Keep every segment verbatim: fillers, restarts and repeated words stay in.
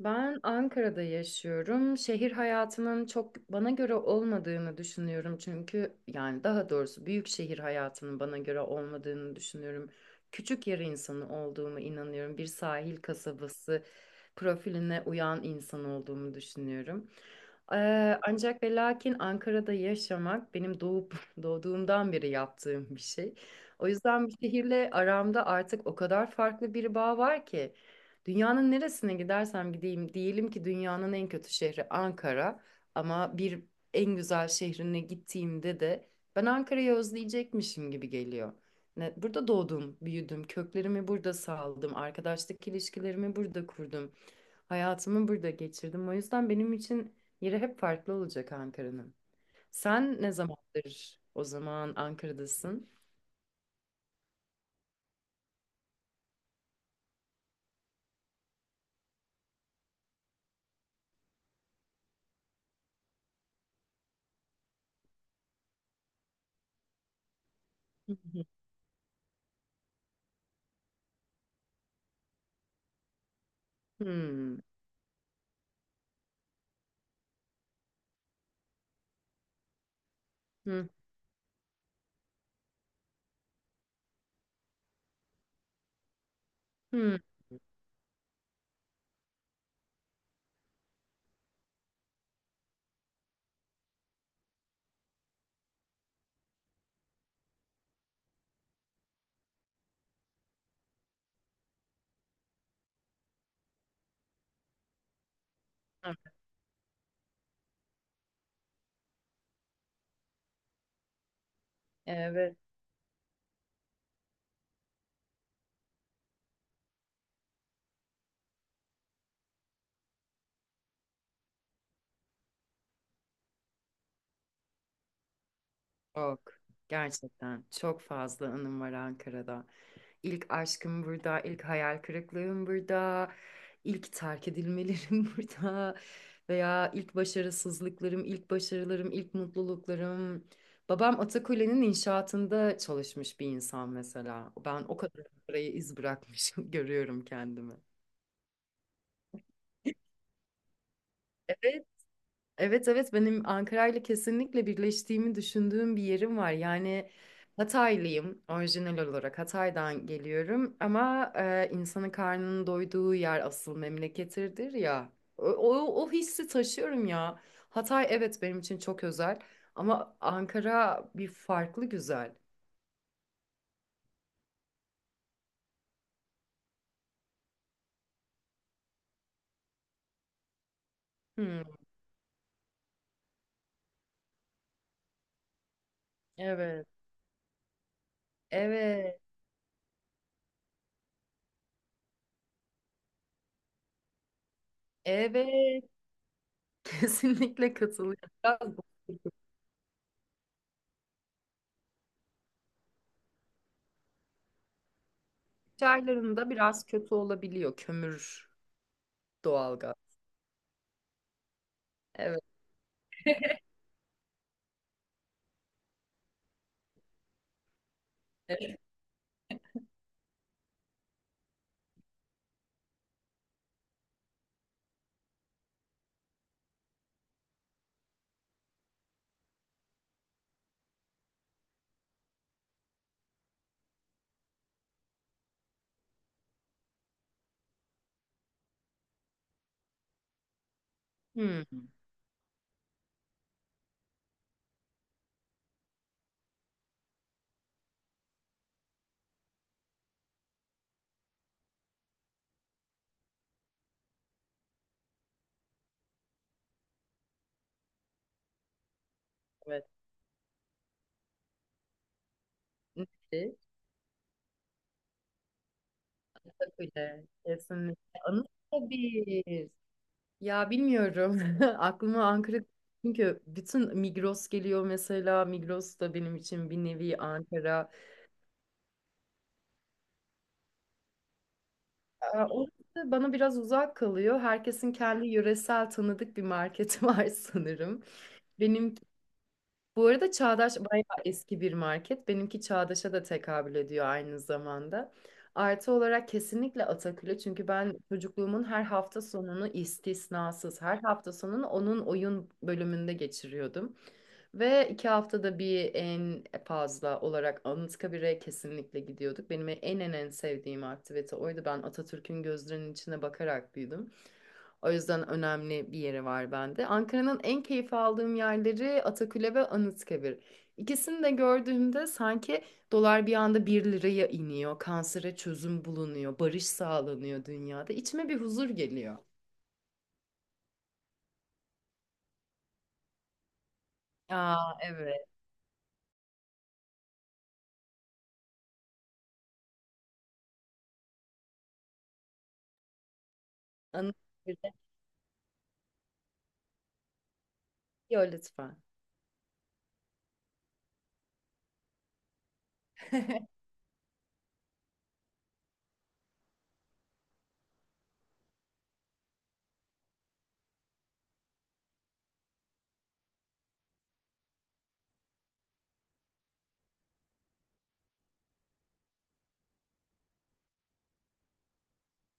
Ben Ankara'da yaşıyorum. Şehir hayatının çok bana göre olmadığını düşünüyorum. Çünkü yani daha doğrusu büyük şehir hayatının bana göre olmadığını düşünüyorum. Küçük yer insanı olduğumu inanıyorum. Bir sahil kasabası profiline uyan insan olduğumu düşünüyorum. Ee, ancak ve lakin Ankara'da yaşamak benim doğup doğduğumdan beri yaptığım bir şey. O yüzden bu şehirle aramda artık o kadar farklı bir bağ var ki. Dünyanın neresine gidersem gideyim, diyelim ki dünyanın en kötü şehri Ankara ama bir en güzel şehrine gittiğimde de ben Ankara'yı özleyecekmişim gibi geliyor. Ne, burada doğdum, büyüdüm, köklerimi burada saldım, arkadaşlık ilişkilerimi burada kurdum, hayatımı burada geçirdim. O yüzden benim için yeri hep farklı olacak Ankara'nın. Sen ne zamandır o zaman Ankara'dasın? Hı hı. Hmm. Hı hı. Evet. Çok. Gerçekten çok fazla anım var Ankara'da. İlk aşkım burada, ilk hayal kırıklığım burada, ilk terk edilmelerim burada veya ilk başarısızlıklarım, ilk başarılarım, ilk mutluluklarım. Babam Atakule'nin inşaatında çalışmış bir insan mesela. Ben o kadar parayı iz bırakmışım, görüyorum kendimi. Evet, Evet evet benim Ankara ile kesinlikle birleştiğimi düşündüğüm bir yerim var. Yani Hataylıyım orijinal olarak Hatay'dan geliyorum ama e, insanın karnının doyduğu yer asıl memleketidir ya. O, o, o hissi taşıyorum ya. Hatay evet benim için çok özel ama Ankara bir farklı güzel. Hmm, evet. Evet. Evet. Kesinlikle katılıyorum. Biraz bu- çaylarında biraz kötü olabiliyor kömür doğalgaz. Evet. Hmm, evet. Müthiş. Çok öyle. Kesinlikle. Anıtla bir. Ya bilmiyorum. Aklıma Ankara çünkü bütün Migros geliyor mesela. Migros da benim için bir nevi Ankara. Ee, Orası bana biraz uzak kalıyor. Herkesin kendi yöresel tanıdık bir marketi var sanırım. Benim Bu arada Çağdaş bayağı eski bir market. Benimki Çağdaş'a da tekabül ediyor aynı zamanda. Artı olarak kesinlikle Atakül'ü çünkü ben çocukluğumun her hafta sonunu istisnasız her hafta sonunu onun oyun bölümünde geçiriyordum. Ve iki haftada bir en fazla olarak Anıtkabir'e kesinlikle gidiyorduk. Benim en en en sevdiğim aktivite oydu. Ben Atatürk'ün gözlerinin içine bakarak büyüdüm. O yüzden önemli bir yeri var bende. Ankara'nın en keyif aldığım yerleri Atakule ve Anıtkabir. İkisini de gördüğümde sanki dolar bir anda bir liraya iniyor, kansere çözüm bulunuyor, barış sağlanıyor dünyada. İçime bir huzur geliyor. Aa evet. Anıtkabir'de. Yo lütfen.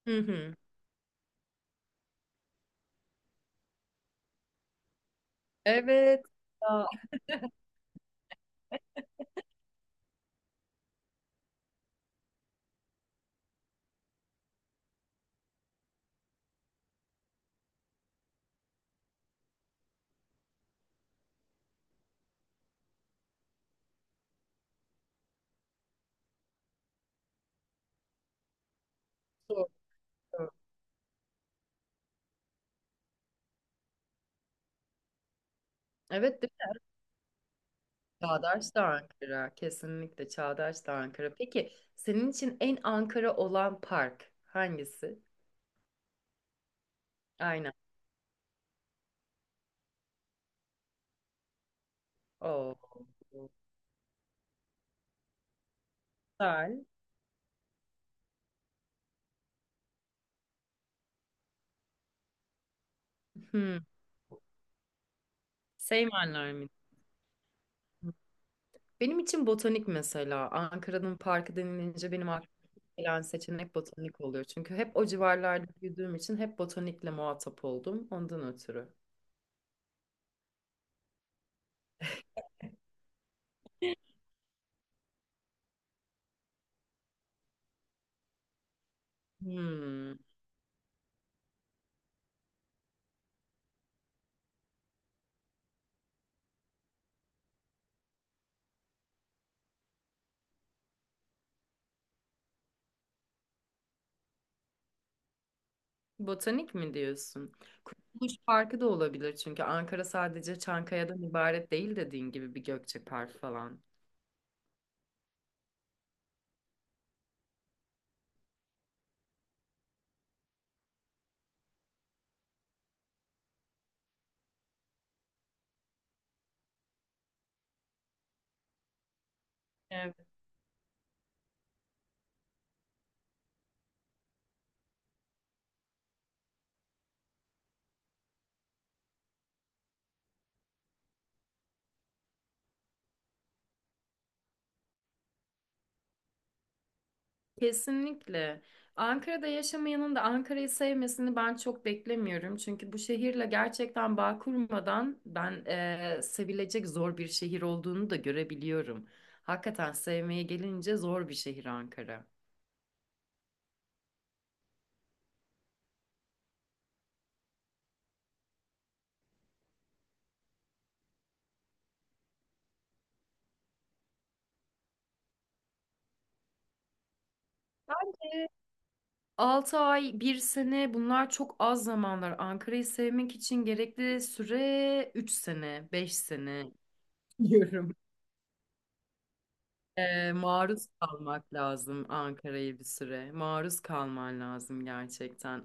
Hı hı. Evet. Aa, doğru. Evet değil mi? Çağdaş da Ankara. Kesinlikle Çağdaş da Ankara. Peki senin için en Ankara olan park hangisi? Aynen. Oo, güzel. Hmm. Seymenler mi? Benim için botanik mesela. Ankara'nın parkı denilince benim aklıma gelen seçenek botanik oluyor. Çünkü hep o civarlarda büyüdüğüm için hep botanikle muhatap oldum. Ondan ötürü. Hmm. Botanik mi diyorsun? Kurtuluş Parkı da olabilir çünkü Ankara sadece Çankaya'dan ibaret değil dediğin gibi bir Gökçe Park falan. Kesinlikle. Ankara'da yaşamayanın da Ankara'yı sevmesini ben çok beklemiyorum. Çünkü bu şehirle gerçekten bağ kurmadan ben eee, sevilecek zor bir şehir olduğunu da görebiliyorum. Hakikaten sevmeye gelince zor bir şehir Ankara. Evet. altı ay, bir sene bunlar çok az zamanlar. Ankara'yı sevmek için gerekli süre üç sene, beş sene diyorum. Ee, maruz kalmak lazım Ankara'yı bir süre. Maruz kalman lazım gerçekten.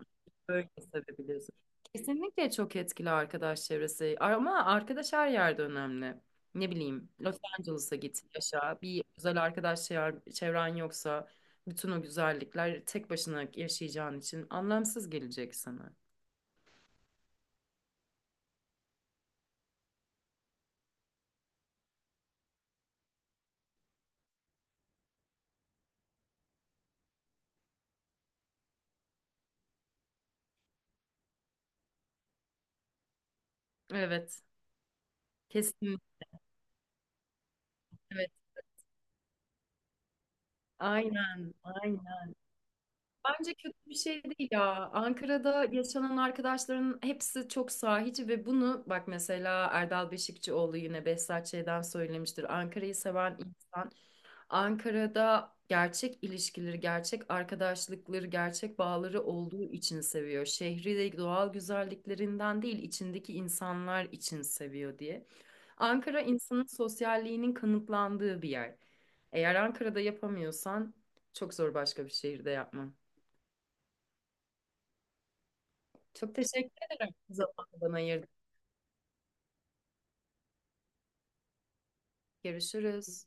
Böyle sevebiliyorsun. Kesinlikle çok etkili arkadaş çevresi. Ama arkadaş her yerde önemli. Ne bileyim, Los Angeles'a git, yaşa. Bir güzel arkadaş çev- çevren yoksa bütün o güzellikler tek başına yaşayacağın için anlamsız gelecek sana. Evet, kesin. Evet, aynen, aynen. Bence kötü bir şey değil ya. Ankara'da yaşanan arkadaşların hepsi çok sahici ve bunu bak mesela Erdal Beşikçioğlu yine Behzat Ç'den söylemiştir. Ankara'yı seven insan Ankara'da gerçek ilişkileri, gerçek arkadaşlıkları, gerçek bağları olduğu için seviyor. Şehri de doğal güzelliklerinden değil, içindeki insanlar için seviyor diye. Ankara insanın sosyalliğinin kanıtlandığı bir yer. Eğer Ankara'da yapamıyorsan çok zor başka bir şehirde yapman. Çok teşekkür ederim zamanı bana ayırdığınız. Görüşürüz.